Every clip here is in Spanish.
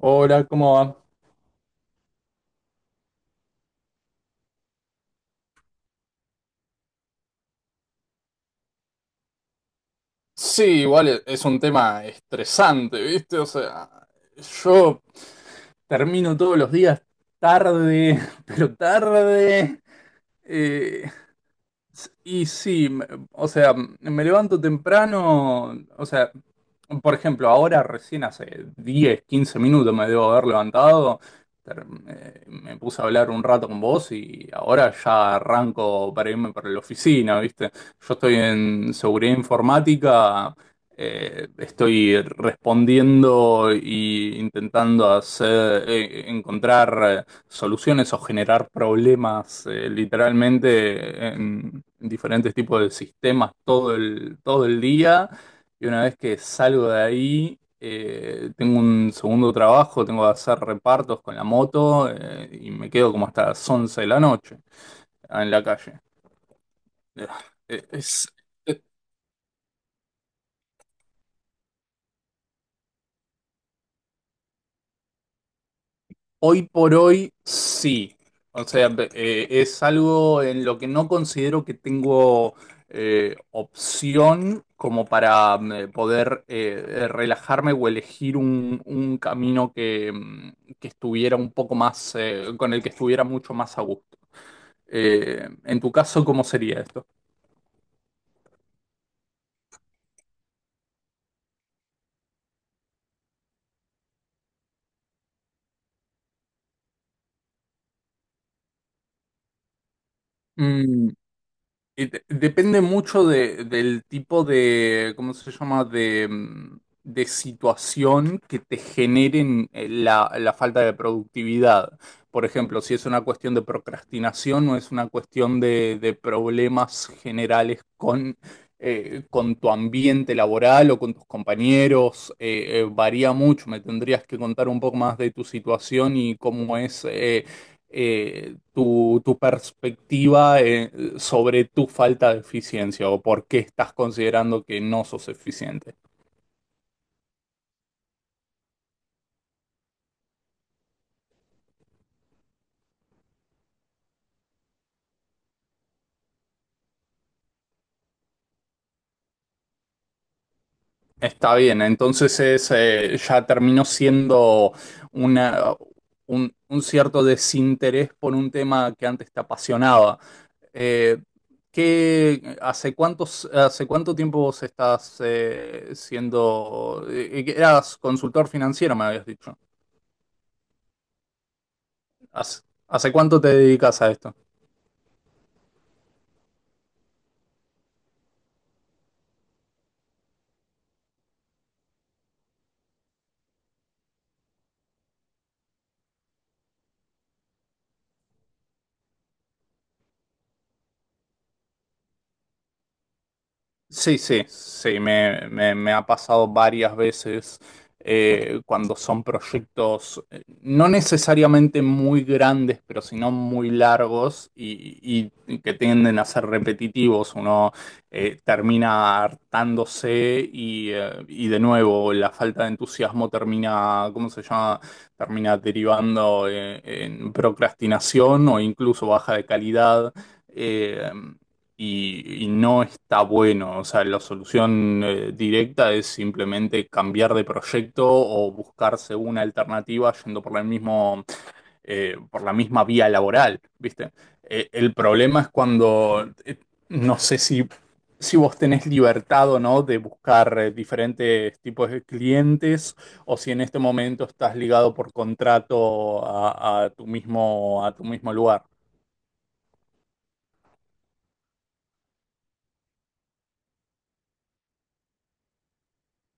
Hola, ¿cómo va? Sí, igual es un tema estresante, ¿viste? O sea, yo, termino todos los días tarde, pero tarde. Eh, Y sí, o sea, me levanto temprano, o sea, por ejemplo, ahora recién hace 10 15 minutos me debo haber levantado, me puse a hablar un rato con vos y ahora ya arranco para irme para la oficina, ¿viste? Yo estoy en seguridad informática, estoy respondiendo e intentando hacer, encontrar soluciones o generar problemas literalmente en diferentes tipos de sistemas todo el día. Y una vez que salgo de ahí, tengo un segundo trabajo, tengo que hacer repartos con la moto y me quedo como hasta las 11 de la noche en la calle. Eh, Es, Hoy por hoy sí. O sea, es algo en lo que no considero que tengo opción como para poder relajarme o elegir un camino que estuviera un poco más, con el que estuviera mucho más a gusto. En tu caso, ¿cómo sería esto? Depende mucho del tipo de, ¿cómo se llama? De situación que te generen la falta de productividad. Por ejemplo, si es una cuestión de procrastinación o es una cuestión de problemas generales con tu ambiente laboral o con tus compañeros, varía mucho. Me tendrías que contar un poco más de tu situación y cómo es. Tu perspectiva sobre tu falta de eficiencia o por qué estás considerando que no sos eficiente. Está bien, entonces ya terminó siendo una, un cierto desinterés por un tema que antes te apasionaba. Eh, Hace cuánto tiempo vos estás siendo, eras consultor financiero, me habías dicho? ¿Hace, hace cuánto te dedicas a esto? Sí, sí, sí, me ha pasado varias veces cuando son proyectos no necesariamente muy grandes, pero sino muy largos y que tienden a ser repetitivos. Uno termina hartándose y de nuevo la falta de entusiasmo termina, ¿cómo se llama? Termina derivando en procrastinación o incluso baja de calidad. Eh, y no está bueno. O sea, la solución directa es simplemente cambiar de proyecto o buscarse una alternativa yendo por el mismo, por la misma vía laboral, ¿viste? El problema es cuando no sé si vos tenés libertad o no de buscar diferentes tipos de clientes o si en este momento estás ligado por contrato a tu mismo lugar.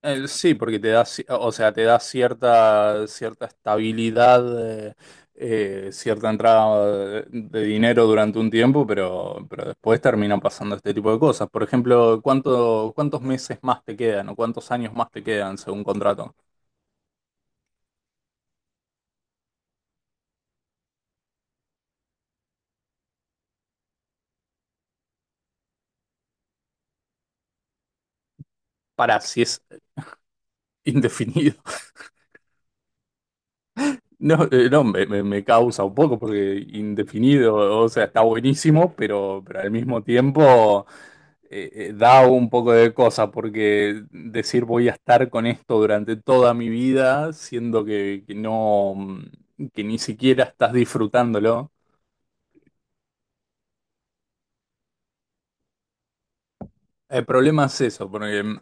Sí, porque te da, o sea, te da cierta estabilidad, cierta entrada de dinero durante un tiempo, pero después terminan pasando este tipo de cosas. Por ejemplo, ¿cuánto, cuántos meses más te quedan o cuántos años más te quedan según contrato? Para si es indefinido. No, no, me causa un poco porque indefinido, o sea, está buenísimo, pero al mismo tiempo. Da un poco de cosa, porque decir voy a estar con esto durante toda mi vida, siendo que no, que ni siquiera estás disfrutándolo. El problema es eso, porque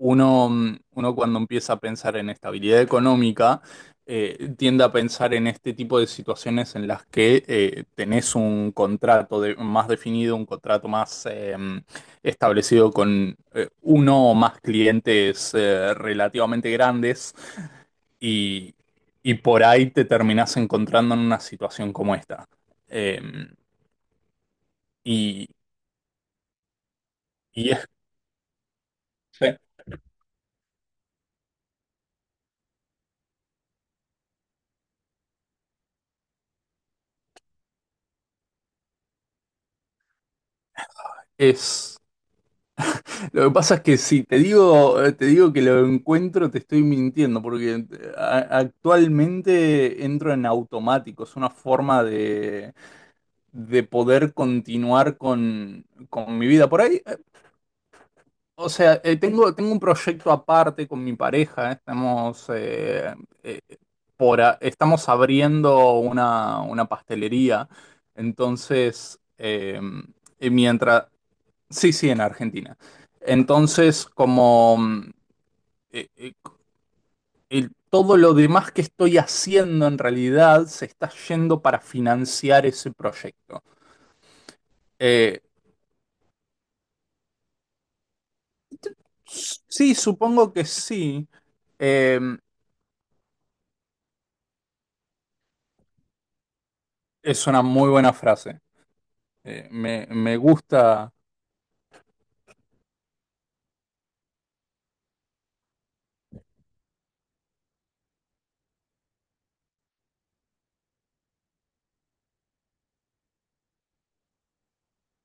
uno cuando empieza a pensar en estabilidad económica, tiende a pensar en este tipo de situaciones en las que tenés un contrato más definido, un contrato más establecido con uno o más clientes relativamente grandes y, y por ahí te terminás encontrando en una situación como esta. Eh, y, y es Lo que pasa es que si te digo, que lo encuentro, te estoy mintiendo, porque actualmente entro en automático, es una forma de poder continuar con mi vida. Por ahí, o sea, tengo un proyecto aparte con mi pareja, estamos, eh, estamos abriendo una pastelería, entonces, y mientras, sí, sí, en Argentina. Entonces, como eh, eh, todo lo demás que estoy haciendo en realidad se está yendo para financiar ese proyecto. Eh, sí, supongo que sí. Eh, es una muy buena frase. Me gusta,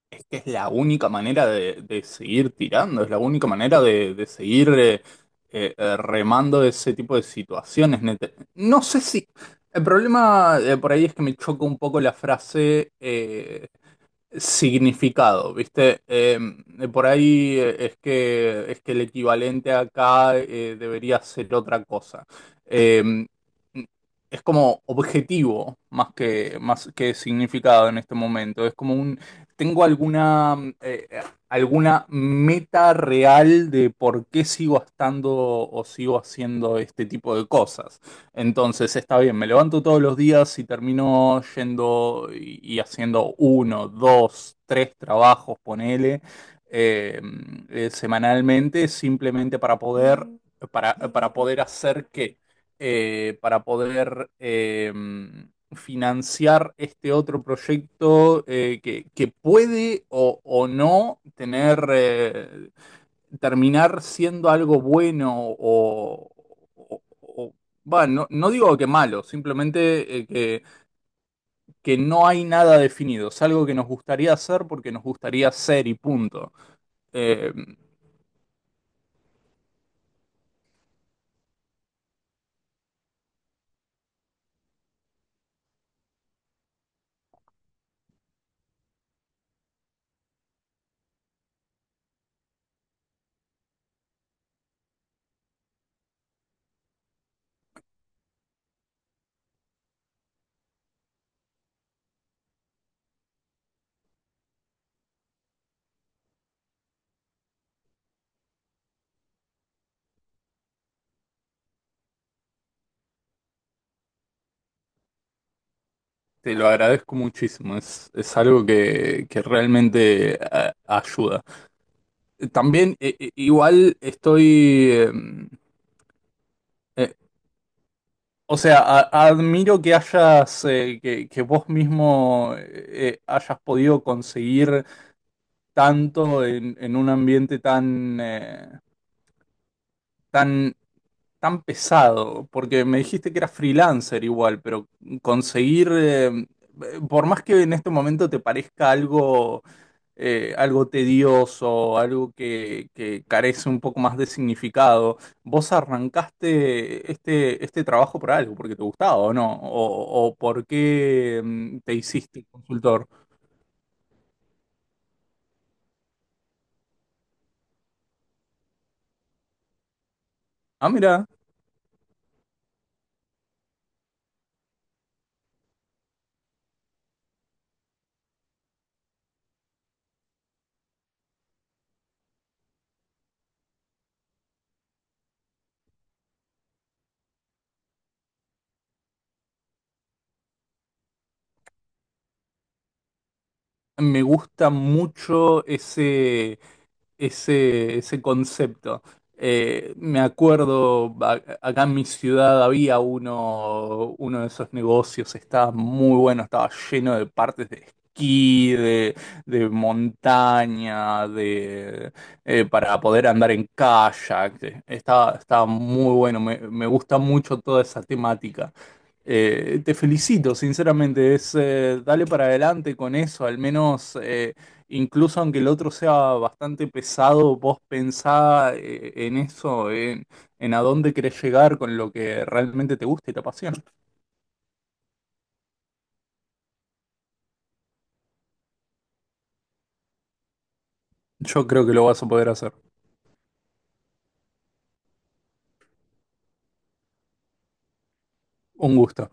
es que es la única manera de seguir tirando, es la única manera de seguir remando ese tipo de situaciones. Neta. No sé si... El problema por ahí es que me choca un poco la frase significado, ¿viste? Por ahí es que el equivalente acá debería ser otra cosa. Eh, es como objetivo más que significado en este momento. Es como tengo alguna meta real de por qué sigo estando o sigo haciendo este tipo de cosas. Entonces está bien, me levanto todos los días y termino yendo y haciendo uno, dos, tres trabajos, ponele, eh, semanalmente, simplemente para poder, para poder hacer qué. Para poder financiar este otro proyecto que puede o no tener, terminar siendo algo bueno o, o- o- bueno, no, no digo que malo, simplemente que no hay nada definido, es algo que nos gustaría hacer porque nos gustaría ser y punto. Eh, Te lo agradezco muchísimo, es algo que realmente ayuda. También igual estoy... eh, o sea, admiro que hayas, que vos mismo hayas podido conseguir tanto en un ambiente tan, tan pesado, porque me dijiste que eras freelancer igual, pero conseguir, por más que en este momento te parezca algo tedioso, algo que carece un poco más de significado, vos arrancaste este trabajo por algo, porque te gustaba o no, o por qué te hiciste consultor. Ah, mira, me gusta mucho ese concepto. Me acuerdo, acá en mi ciudad había uno de esos negocios, estaba muy bueno, estaba lleno de partes de esquí, de montaña, para poder andar en kayak. Estaba muy bueno, me gusta mucho toda esa temática. Te felicito, sinceramente, dale para adelante con eso, al menos... Incluso aunque el otro sea bastante pesado, vos pensá en eso, en a dónde querés llegar con lo que realmente te gusta y te apasiona. Yo creo que lo vas a poder hacer. Un gusto.